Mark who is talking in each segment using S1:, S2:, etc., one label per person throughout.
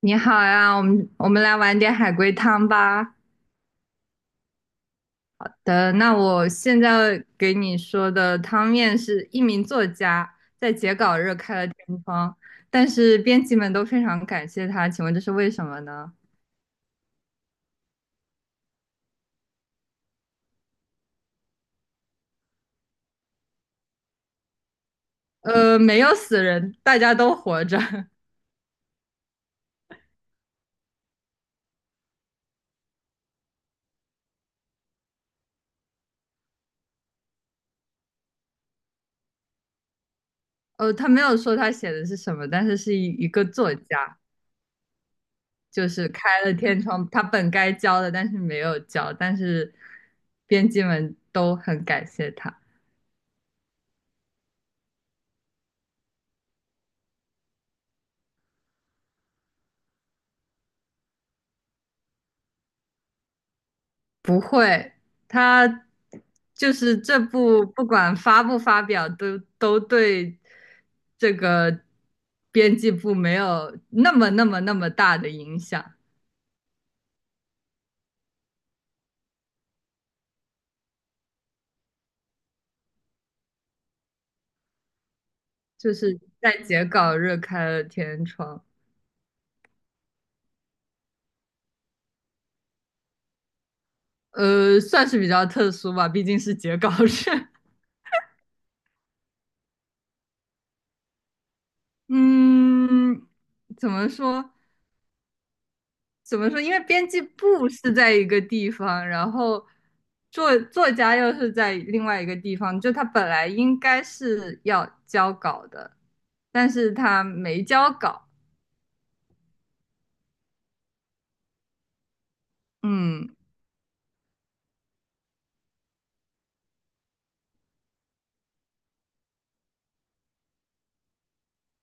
S1: 你好呀，我们来玩点海龟汤吧。的，那我现在给你说的汤面是一名作家在截稿日开了天窗，但是编辑们都非常感谢他，请问这是为什么呢？没有死人，大家都活着。他没有说他写的是什么，但是是一个作家，就是开了天窗，他本该交的，但是没有交，但是编辑们都很感谢他。不会，他就是这部不管发不发表，都对这个编辑部没有那么大的影响，就是在截稿日开了天窗，算是比较特殊吧，毕竟是截稿日。嗯，怎么说？怎么说？因为编辑部是在一个地方，然后作家又是在另外一个地方，就他本来应该是要交稿的，但是他没交稿。嗯，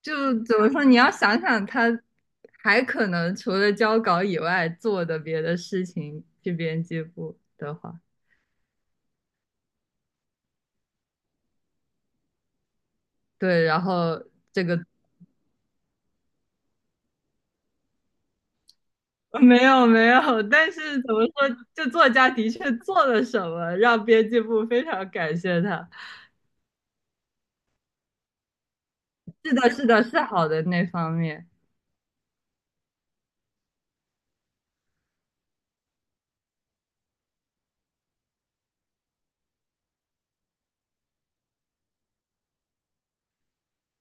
S1: 就怎么说？你要想想他还可能除了交稿以外做的别的事情，去编辑部的话，对，然后这个。没有没有，但是怎么说，这作家的确做了什么，让编辑部非常感谢他。是的，是的，是好的那方面，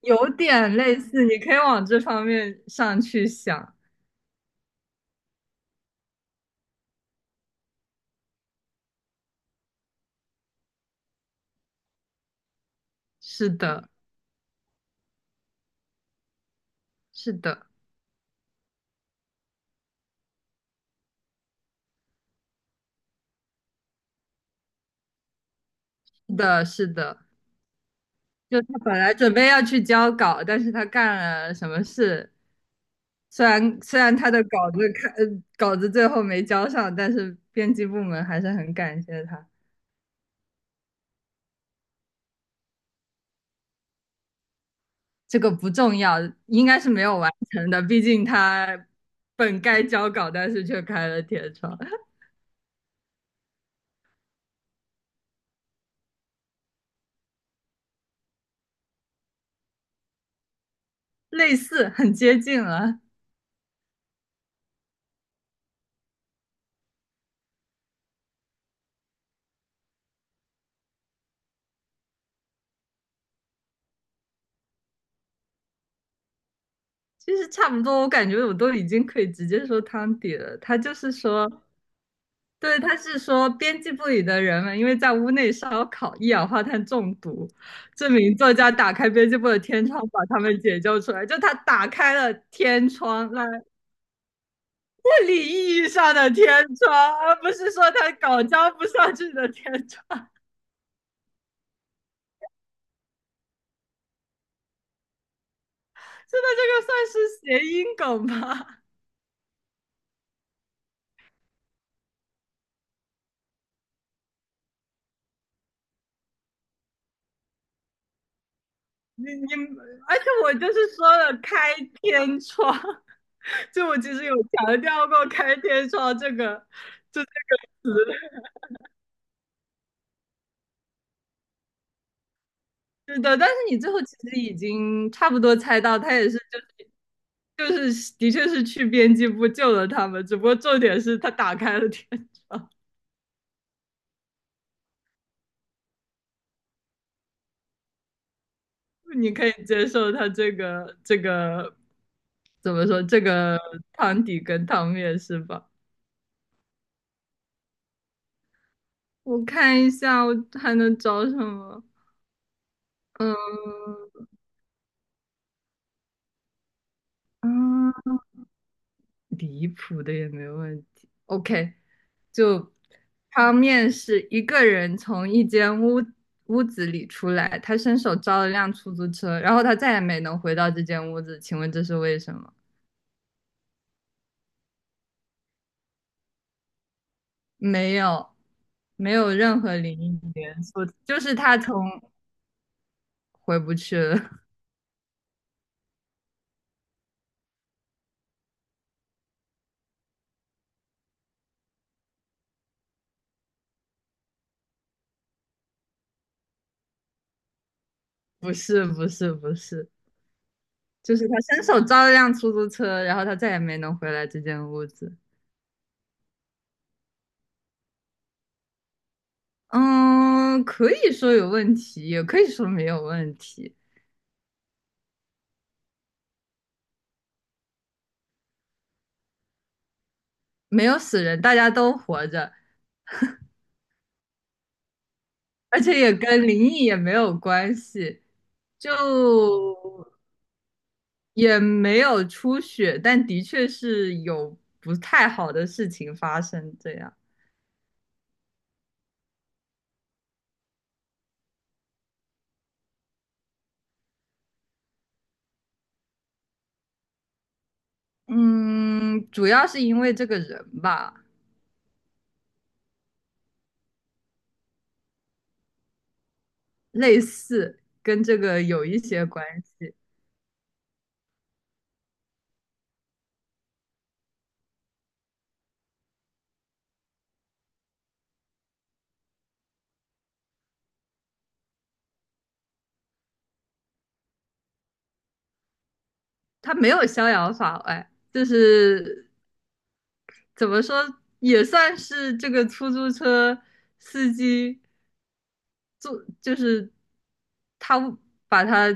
S1: 有点类似，你可以往这方面上去想。是的，是的，是的，是的。就他本来准备要去交稿，但是他干了什么事？虽然他的稿子看，稿子最后没交上，但是编辑部门还是很感谢他。这个不重要，应该是没有完成的，毕竟他本该交稿，但是却开了天窗，类似，很接近了。其实差不多，我感觉我都已经可以直接说汤底了。他就是说，对，他是说编辑部里的人们因为在屋内烧烤，一氧化碳中毒。这名作家打开编辑部的天窗，把他们解救出来。就他打开了天窗，来物理意义上的天窗，而不是说他搞交不上去的天窗。真的，这个算是谐音梗吧？你你，而且我就是说了开天窗。就我其实有强调过开天窗这个这个词，是的，但是你最后其实已经差不多猜到，他也是就是的确是去编辑部救了他们，只不过重点是他打开了天窗，你可以接受他这个怎么说这个汤底跟汤面是吧？我看一下我还能找什么，嗯嗯，离谱的也没问题，OK。就他面试一个人从一间屋子里出来，他伸手招了辆出租车，然后他再也没能回到这间屋子。请问这是为什么？没有，没有任何灵异元素，就是他从回不去了。不是，就是他伸手招了辆出租车，然后他再也没能回来这间屋子。嗯，可以说有问题，也可以说没有问题。没有死人，大家都活着。而且也跟灵异也没有关系，就也没有出血，但的确是有不太好的事情发生。这样，嗯，主要是因为这个人吧，类似跟这个有一些关系。他没有逍遥法外，就是怎么说，也算是这个出租车司机做，就是他把他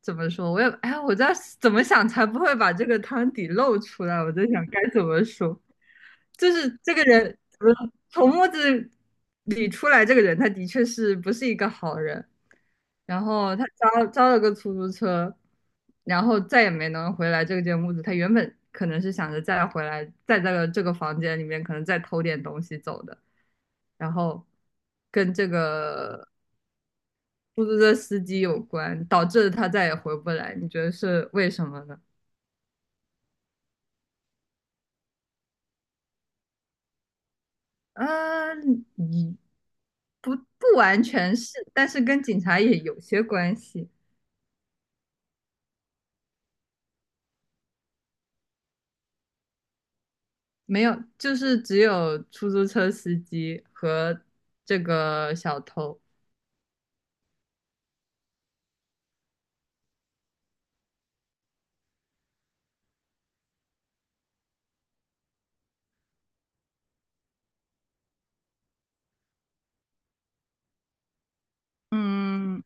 S1: 怎么说，我也哎，我在怎么想才不会把这个汤底露出来，我在想该怎么说，就是这个人，从木子里出来这个人，他的确是不是一个好人。然后他招了个出租车，然后再也没能回来这间屋子。他原本可能是想着再回来，再在这个房间里面可能再偷点东西走的，然后跟这个出租车司机有关，导致他再也回不来。你觉得是为什么呢？嗯，你不完全是，但是跟警察也有些关系。没有，就是只有出租车司机和这个小偷。嗯，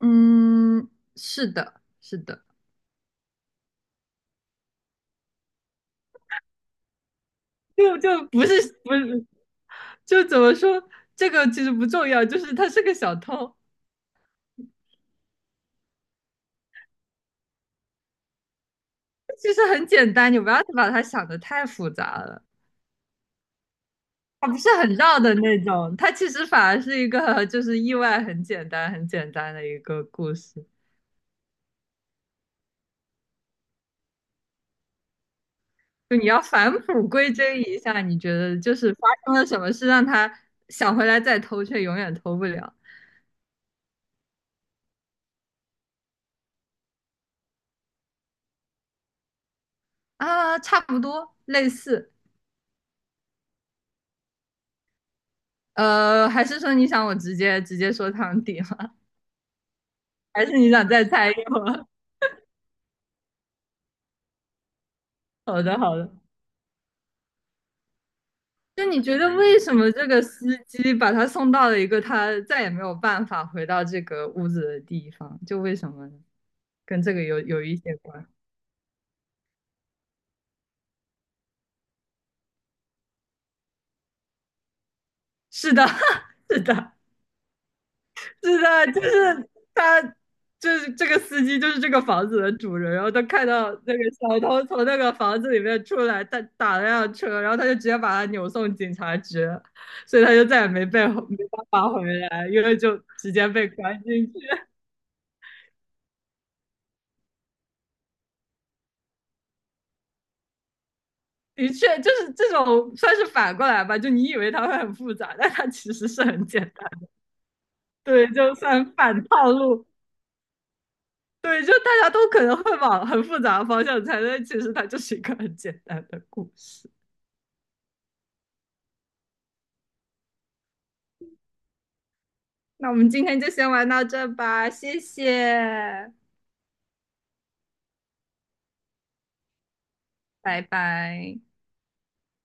S1: 嗯，是的，是的，就不是不是，就怎么说，这个其实不重要，就是他是个小偷，其实很简单，你不要把它想的太复杂了，他不是很绕的那种，他其实反而是一个就是意外很简单很简单的一个故事。就你要返璞归真一下，你觉得就是发生了什么事让他想回来再偷，却永远偷不了啊？差不多类似，还是说你想我直接说汤底吗？还是你想再猜一会儿？好的，好的。就你觉得为什么这个司机把他送到了一个他再也没有办法回到这个屋子的地方？就为什么呢？跟这个有一些关。是的，是的。是的，就是他，就是这个司机，就是这个房子的主人。然后他看到那个小偷从那个房子里面出来，他打了辆车，然后他就直接把他扭送警察局，所以他就再也没办法回来，因为就直接被关进去。的确，就是这种算是反过来吧，就你以为它会很复杂，但它其实是很简单。对，就算反套路，对，就大家都可能会往很复杂的方向猜，但其实它就是一个很简单的故事。那我们今天就先玩到这吧，谢谢，拜拜。